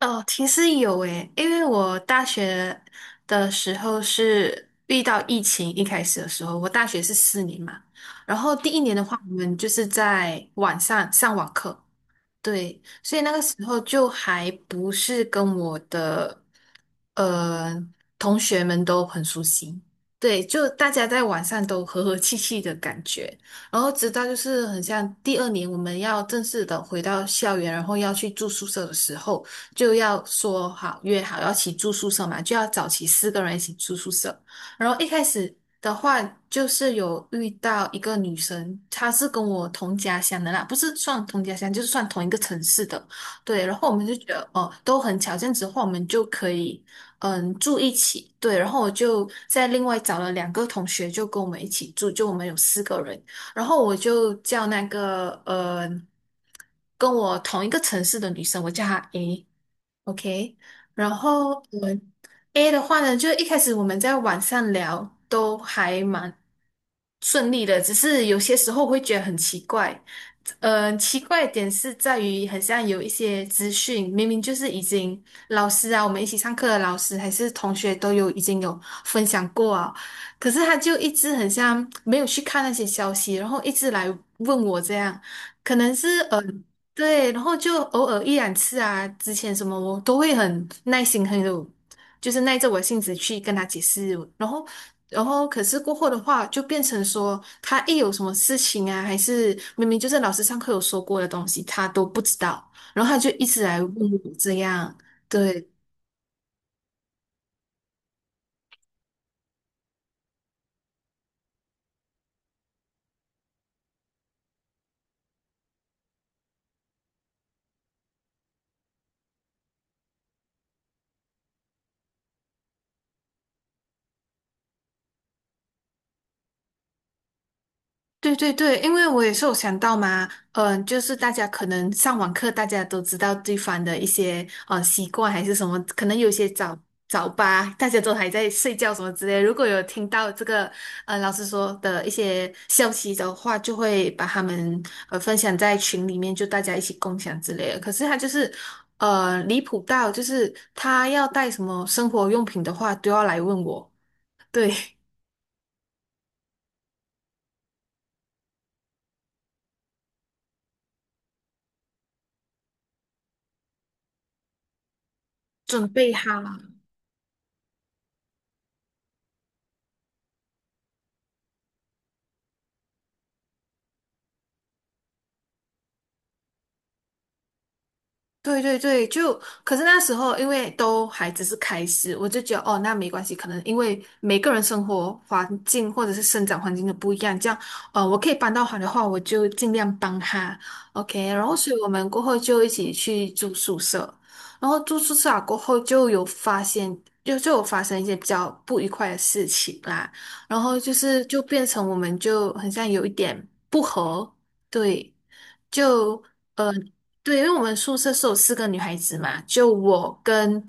哦，其实有诶，因为我大学的时候是遇到疫情，一开始的时候，我大学是4年嘛，然后第一年的话，我们就是在晚上上网课，对，所以那个时候就还不是跟我的呃同学们都很熟悉，对，就大家在晚上都和和气气的感觉，然后直到就是很像第二年我们要正式的回到校园，然后要去住宿舍的时候，就要说好约好要一起住宿舍嘛，就要找齐四个人一起住宿舍，然后一开始的话，就是有遇到一个女生，她是跟我同家乡的啦，不是算同家乡，就是算同一个城市的。对，然后我们就觉得哦，都很巧，这样子的话，我们就可以住一起。对，然后我就在另外找了2个同学，就跟我们一起住，就我们有四个人。然后我就叫那个跟我同一个城市的女生，我叫她 A。OK，然后我们 A 的话呢，就一开始我们在网上聊都还蛮顺利的，只是有些时候会觉得很奇怪。奇怪的点是在于，很像有一些资讯，明明就是已经老师啊，我们一起上课的老师还是同学都有已经有分享过啊，可是他就一直很像没有去看那些消息，然后一直来问我这样，可能是。对，然后就偶尔一两次啊，之前什么我都会很耐心，很有，就是耐着我性子去跟他解释。然后，然后可是过后的话，就变成说他一有什么事情啊，还是明明就是老师上课有说过的东西，他都不知道，然后他就一直来问我这样。对。对对对，因为我也是有想到嘛，就是大家可能上网课，大家都知道对方的一些习惯还是什么，可能有些早八，大家都还在睡觉什么之类。如果有听到这个老师说的一些消息的话，就会把他们分享在群里面，就大家一起共享之类的。可是他就是离谱到，就是他要带什么生活用品的话，都要来问我，对，准备好。对对对，就可是那时候因为都还只是开始，我就觉得哦，那没关系，可能因为每个人生活环境或者是生长环境都不一样，这样我可以帮到他的话，我就尽量帮他，OK。然后所以我们过后就一起去住宿舍，然后住宿舍啊过后就有发现，就有发生一些比较不愉快的事情啦，然后就是就变成我们就很像有一点不和，对。就呃对，因为我们宿舍是有4个女孩子嘛，就我跟，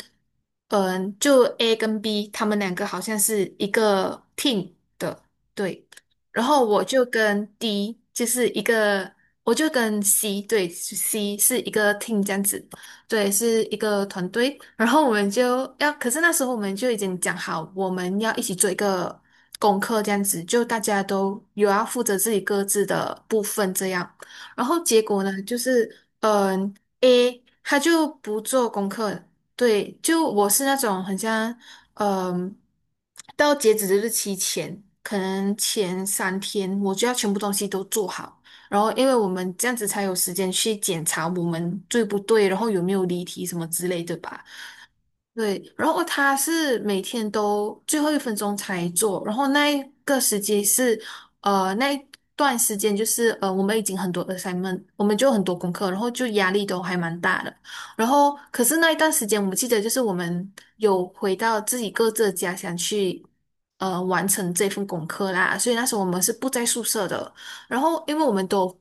就 A 跟 B，她们两个好像是一个 team 的，对。然后我就跟 D，就是一个，我就跟 C，对是 c 是一个 team 这样子，对，是一个团队。然后我们就要，可是那时候我们就已经讲好，我们要一起做一个功课这样子，就大家都有要负责自己各自的部分这样。然后结果呢，就是嗯、a 他就不做功课，对，就我是那种很像嗯、到截止日期前，可能前3天我就要全部东西都做好，然后因为我们这样子才有时间去检查我们对不对，然后有没有离题什么之类的吧。对，然后哦他是每天都最后一分钟才做，然后那一段时间就是我们已经很多 assignment，我们就很多功课，然后就压力都还蛮大的。然后可是那一段时间，我记得就是我们有回到自己各自的家乡去，完成这份功课啦。所以那时候我们是不在宿舍的，然后因为我们都。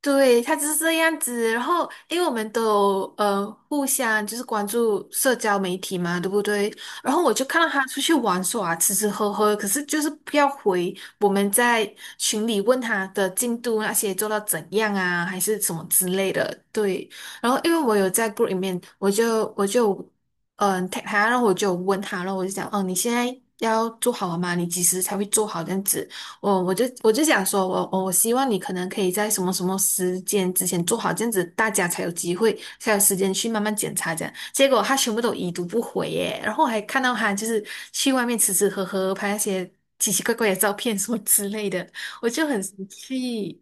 对，他就是这样子。然后，因为我们都有互相就是关注社交媒体嘛，对不对？然后我就看到他出去玩耍、吃吃喝喝，可是就是不要回我们在群里问他的进度那些做到怎样啊，还是什么之类的。对，然后因为我有在 group 里面，我就tag 他，然后我就问他，然后我就讲，哦，你现在要做好了吗？你几时才会做好这样子？我就想说，我希望你可能可以在什么什么时间之前做好，这样子大家才有机会，才有时间去慢慢检查这样。结果他全部都已读不回耶，然后我还看到他就是去外面吃吃喝喝，拍那些奇奇怪怪的照片什么之类的，我就很生气。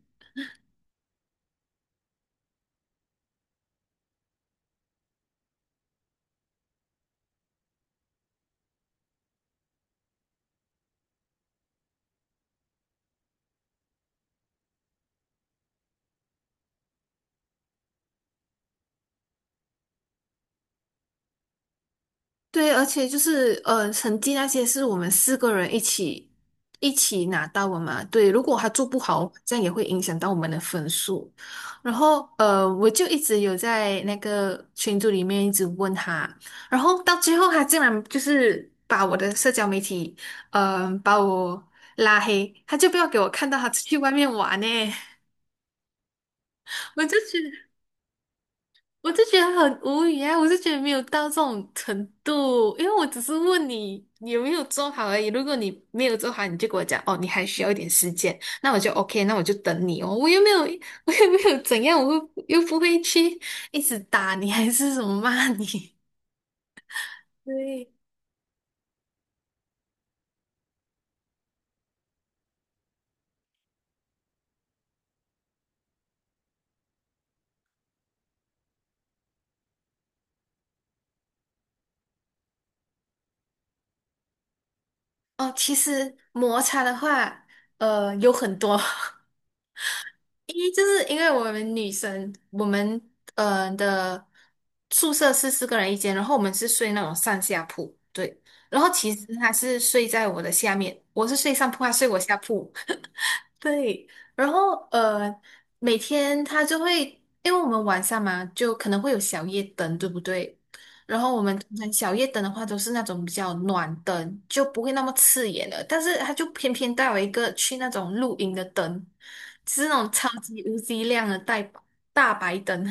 对，而且就是成绩那些是我们四个人一起拿到的嘛。对，如果他做不好，这样也会影响到我们的分数。然后我就一直有在那个群组里面一直问他，然后到最后他竟然就是把我的社交媒体，把我拉黑，他就不要给我看到他出去外面玩呢。我就觉得。我就觉得很无语啊，我就觉得没有到这种程度，因为我只是问你你有没有做好而已。如果你没有做好，你就跟我讲哦，你还需要一点时间，那我就 OK，那我就等你哦。我又没有，我又没有怎样，我又不会去一直打你还是什么骂你。对，哦，其实摩擦的话，有很多。一就是因为我们女生，我们的宿舍是四个人一间，然后我们是睡那种上下铺，对。然后其实他是睡在我的下面，我是睡上铺，他睡我下铺。对，然后每天他就会，因为我们晚上嘛，就可能会有小夜灯，对不对？然后我们通常小夜灯的话，都是那种比较暖灯，就不会那么刺眼的。但是他就偏偏带了一个去那种露营的灯，就是那种超级无敌亮的大白灯。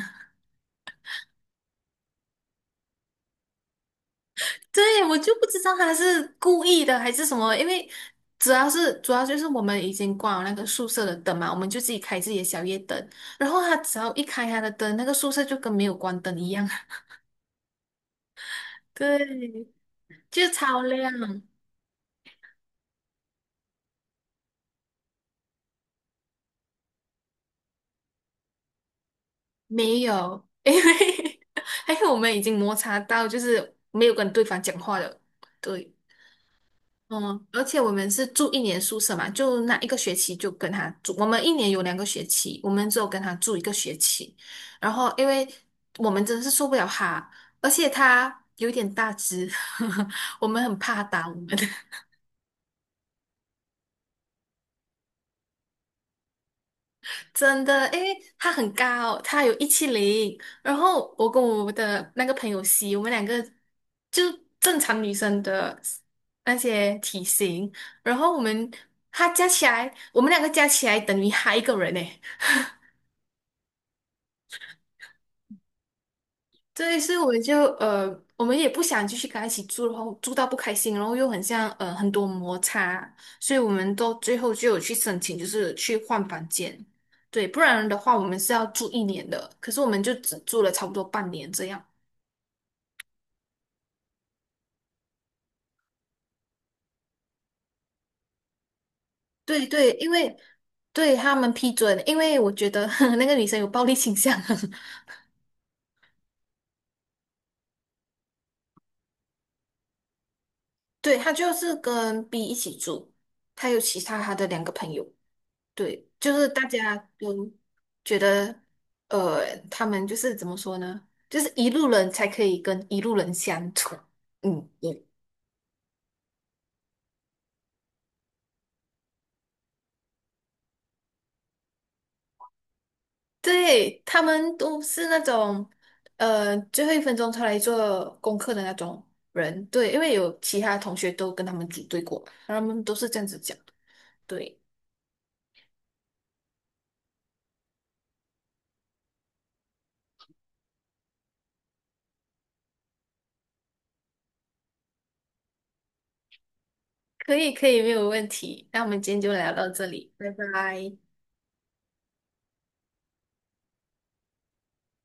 对，我就不知道他是故意的还是什么，因为主要就是我们已经关了那个宿舍的灯嘛，我们就自己开自己的小夜灯，然后他只要一开他的灯，那个宿舍就跟没有关灯一样，对，就超亮，没有，因为 还有我们已经摩擦到，就是没有跟对方讲话了，对。嗯，而且我们是住一年宿舍嘛，就那一个学期就跟他住。我们一年有2个学期，我们只有跟他住一个学期。然后，因为我们真的是受不了他，而且他有点大只，我们很怕打我们，真的。因为他很高，他有170。然后我跟我的那个朋友 C，我们两个就正常女生的那些体型，然后他加起来，我们两个加起来等于他一个人呢。这一次我们也不想继续跟他一起住，然后住到不开心，然后又很像很多摩擦，所以我们都最后就有去申请，就是去换房间。对，不然的话我们是要住一年的，可是我们就只住了差不多半年这样。对对，因为对他们批准，因为我觉得 那个女生有暴力倾向，对，她就是跟 B 一起住，她有其他她的2个朋友。对，就是大家都觉得，他们就是怎么说呢？就是一路人才可以跟一路人相处。嗯，对，对，他们都是那种，最后一分钟才来做功课的那种人。对，因为有其他同学都跟他们组队过，然后他们都是这样子讲的。对，可以，可以，没有问题。那我们今天就聊到这里，拜拜。